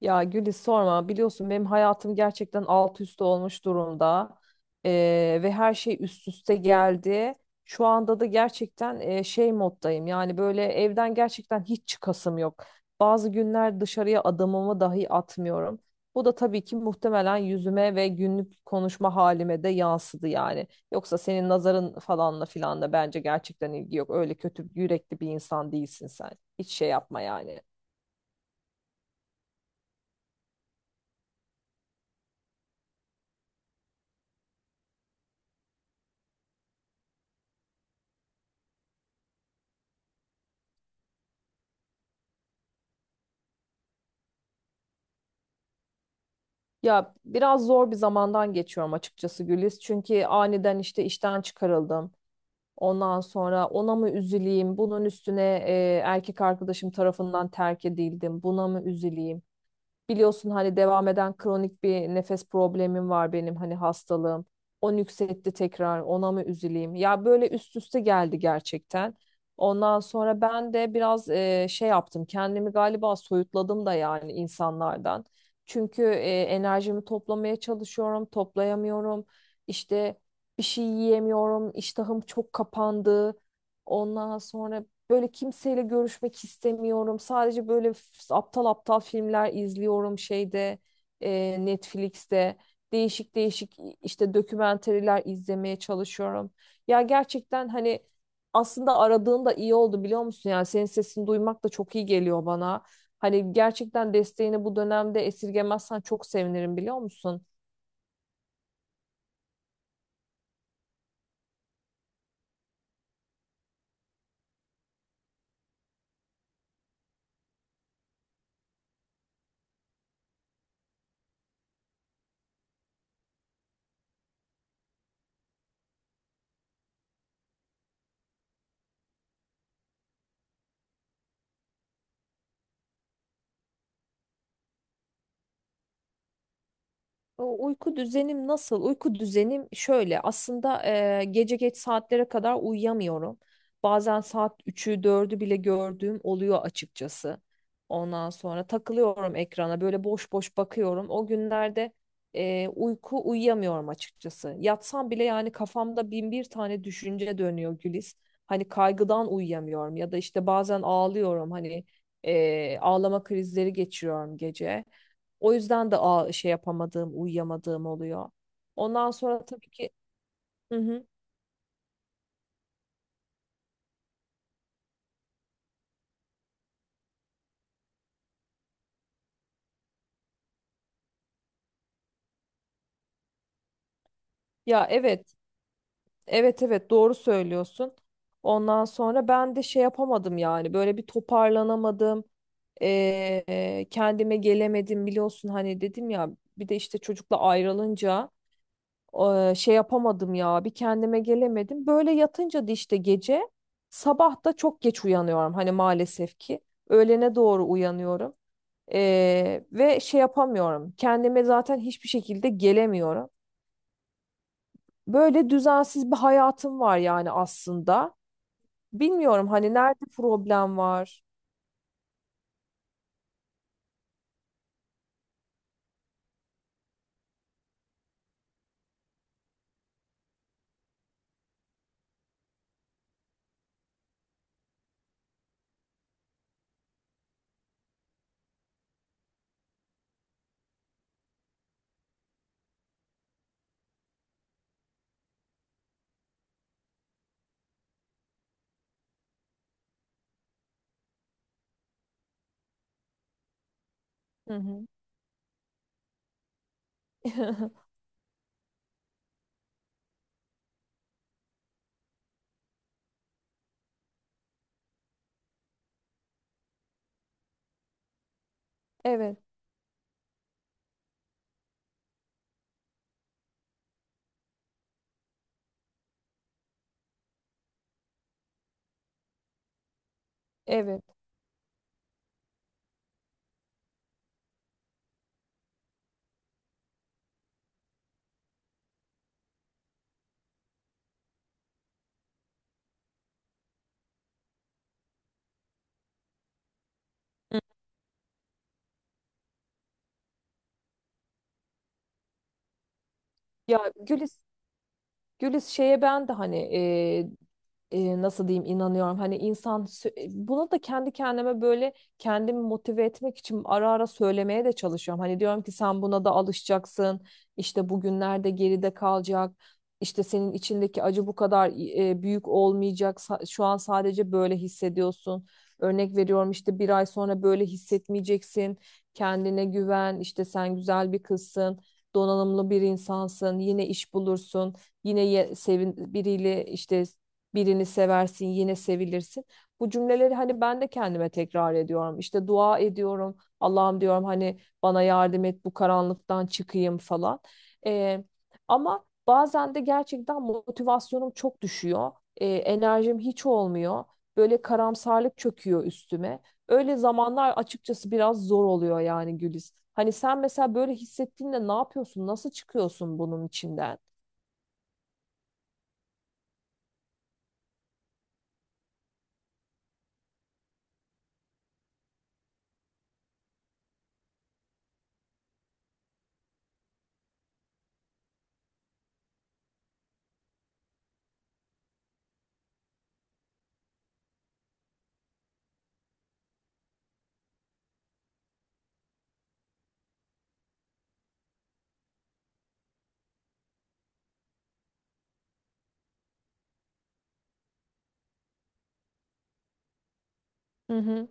Ya Güliz sorma, biliyorsun benim hayatım gerçekten alt üst olmuş durumda. Ve her şey üst üste geldi. Şu anda da gerçekten şey moddayım, yani böyle evden gerçekten hiç çıkasım yok. Bazı günler dışarıya adımımı dahi atmıyorum. Bu da tabii ki muhtemelen yüzüme ve günlük konuşma halime de yansıdı yani. Yoksa senin nazarın falanla filanla bence gerçekten ilgi yok. Öyle kötü yürekli bir insan değilsin sen. Hiç şey yapma yani. Ya, biraz zor bir zamandan geçiyorum açıkçası Güliz. Çünkü aniden işte işten çıkarıldım. Ondan sonra ona mı üzüleyim? Bunun üstüne erkek arkadaşım tarafından terk edildim. Buna mı üzüleyim? Biliyorsun hani devam eden kronik bir nefes problemim var benim, hani hastalığım. O nüksetti tekrar, ona mı üzüleyim? Ya böyle üst üste geldi gerçekten. Ondan sonra ben de biraz şey yaptım. Kendimi galiba soyutladım da yani insanlardan. Çünkü enerjimi toplamaya çalışıyorum, toplayamıyorum. İşte bir şey yiyemiyorum, iştahım çok kapandı. Ondan sonra böyle kimseyle görüşmek istemiyorum. Sadece böyle aptal aptal filmler izliyorum, şeyde, Netflix'te. Değişik değişik işte dokümenteriler izlemeye çalışıyorum. Ya gerçekten hani aslında aradığın da iyi oldu, biliyor musun? Yani senin sesini duymak da çok iyi geliyor bana. Hani gerçekten desteğini bu dönemde esirgemezsen çok sevinirim, biliyor musun? O, uyku düzenim nasıl? Uyku düzenim şöyle. Aslında gece geç saatlere kadar uyuyamıyorum. Bazen saat üçü dördü bile gördüğüm oluyor açıkçası. Ondan sonra takılıyorum ekrana, böyle boş boş bakıyorum. O günlerde uyku uyuyamıyorum açıkçası. Yatsam bile yani kafamda bin bir tane düşünce dönüyor Güliz. Hani kaygıdan uyuyamıyorum, ya da işte bazen ağlıyorum, hani ağlama krizleri geçiriyorum gece. O yüzden de şey yapamadığım, uyuyamadığım oluyor. Ondan sonra tabii ki. Hı hı. Ya evet, evet, evet, doğru söylüyorsun. Ondan sonra ben de şey yapamadım, yani böyle bir toparlanamadım. Kendime gelemedim, biliyorsun hani dedim ya, bir de işte çocukla ayrılınca şey yapamadım ya, bir kendime gelemedim. Böyle yatınca da işte gece, sabah da çok geç uyanıyorum, hani maalesef ki öğlene doğru uyanıyorum. Ve şey yapamıyorum. Kendime zaten hiçbir şekilde gelemiyorum. Böyle düzensiz bir hayatım var yani aslında. Bilmiyorum hani nerede problem var. Hı hı. Evet, evet. Hı. Ya Gülis, şeye ben de hani nasıl diyeyim, inanıyorum. Hani insan buna da kendi kendime böyle, kendimi motive etmek için ara ara söylemeye de çalışıyorum. Hani diyorum ki sen buna da alışacaksın. İşte bugünlerde geride kalacak. İşte senin içindeki acı bu kadar büyük olmayacak. Şu an sadece böyle hissediyorsun. Örnek veriyorum, işte bir ay sonra böyle hissetmeyeceksin. Kendine güven. İşte sen güzel bir kızsın. Donanımlı bir insansın. Yine iş bulursun. Yine sevin biriyle işte, birini seversin, yine sevilirsin. Bu cümleleri hani ben de kendime tekrar ediyorum. İşte dua ediyorum. Allah'ım diyorum, hani bana yardım et bu karanlıktan çıkayım falan. Ee, Ama bazen de gerçekten motivasyonum çok düşüyor. Enerjim hiç olmuyor. Böyle karamsarlık çöküyor üstüme. Öyle zamanlar açıkçası biraz zor oluyor yani Güliz. Hani sen mesela böyle hissettiğinde ne yapıyorsun? Nasıl çıkıyorsun bunun içinden? Hı hı.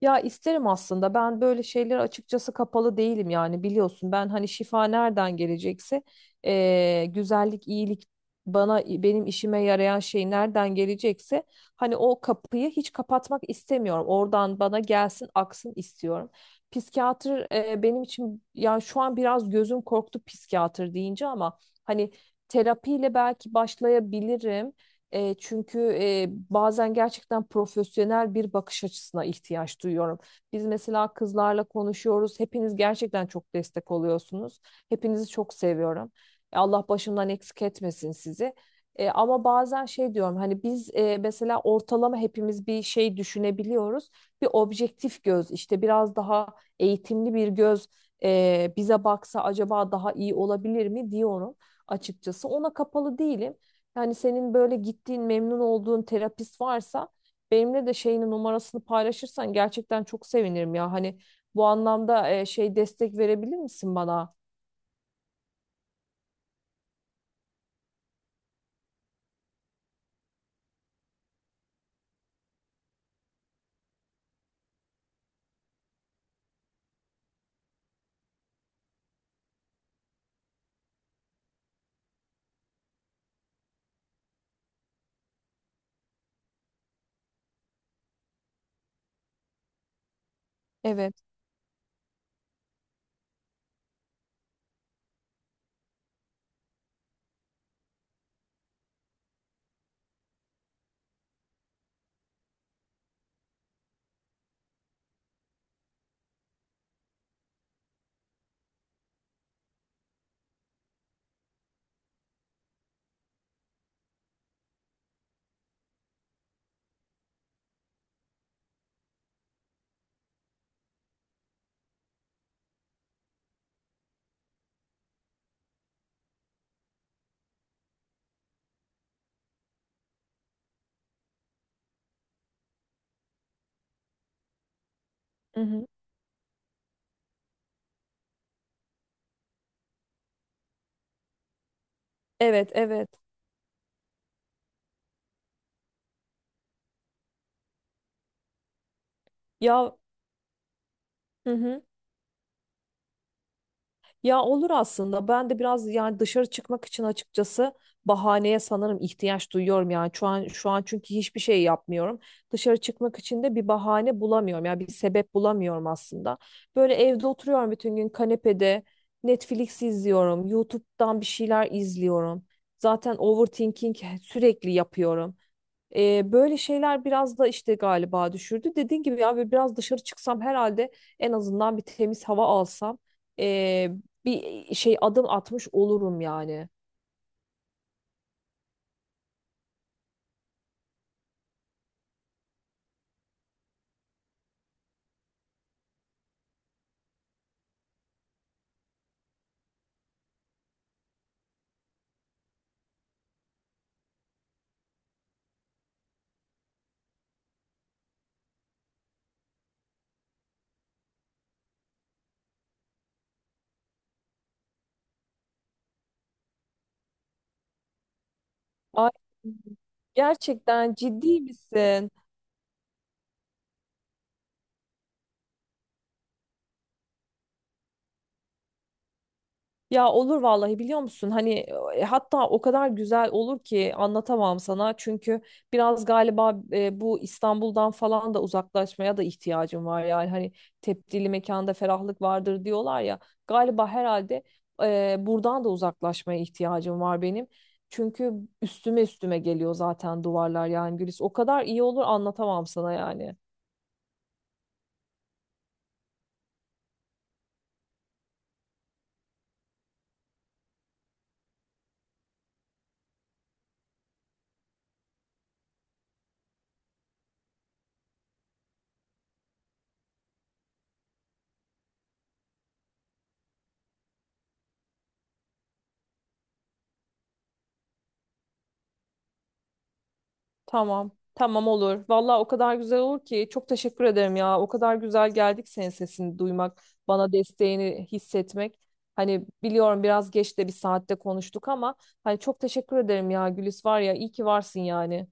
Ya, isterim aslında. Ben böyle şeyler açıkçası kapalı değilim, yani biliyorsun. Ben hani şifa nereden gelecekse, güzellik, iyilik, bana benim işime yarayan şey nereden gelecekse, hani o kapıyı hiç kapatmak istemiyorum. Oradan bana gelsin, aksın istiyorum. Psikiyatr benim için yani şu an biraz gözüm korktu psikiyatr deyince, ama hani terapiyle belki başlayabilirim. Çünkü bazen gerçekten profesyonel bir bakış açısına ihtiyaç duyuyorum. Biz mesela kızlarla konuşuyoruz. Hepiniz gerçekten çok destek oluyorsunuz. Hepinizi çok seviyorum. Allah başımdan eksik etmesin sizi. Ama bazen şey diyorum, hani biz mesela ortalama hepimiz bir şey düşünebiliyoruz. Bir objektif göz, işte biraz daha eğitimli bir göz bize baksa acaba daha iyi olabilir mi diyorum açıkçası. Ona kapalı değilim. Yani senin böyle gittiğin, memnun olduğun terapist varsa, benimle de şeyini, numarasını paylaşırsan gerçekten çok sevinirim ya. Hani bu anlamda şey, destek verebilir misin bana? Evet. Hı hı. Evet, evet. Ya, hı hı. Ya, olur aslında. Ben de biraz yani dışarı çıkmak için açıkçası bahaneye sanırım ihtiyaç duyuyorum, yani şu an çünkü hiçbir şey yapmıyorum. Dışarı çıkmak için de bir bahane bulamıyorum. Yani bir sebep bulamıyorum aslında. Böyle evde oturuyorum bütün gün, kanepede Netflix izliyorum, YouTube'dan bir şeyler izliyorum. Zaten overthinking sürekli yapıyorum. Böyle şeyler biraz da işte galiba düşürdü. Dediğin gibi ya, böyle biraz dışarı çıksam herhalde, en azından bir temiz hava alsam ee, bir şey adım atmış olurum yani. Ay, gerçekten ciddi misin? Ya, olur vallahi, biliyor musun? Hani hatta o kadar güzel olur ki anlatamam sana. Çünkü biraz galiba bu İstanbul'dan falan da uzaklaşmaya da ihtiyacım var. Yani hani tepdili mekanda ferahlık vardır diyorlar ya. Galiba herhalde buradan da uzaklaşmaya ihtiyacım var benim. Çünkü üstüme üstüme geliyor zaten duvarlar, yani Gülis. O kadar iyi olur, anlatamam sana yani. Tamam. Tamam, olur. Vallahi o kadar güzel olur ki, çok teşekkür ederim ya. O kadar güzel geldik senin sesini duymak, bana desteğini hissetmek. Hani biliyorum biraz geç de bir saatte konuştuk ama, hani çok teşekkür ederim ya Gülis, var ya iyi ki varsın yani.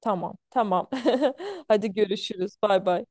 Tamam, tamam. Hadi görüşürüz. Bay bay.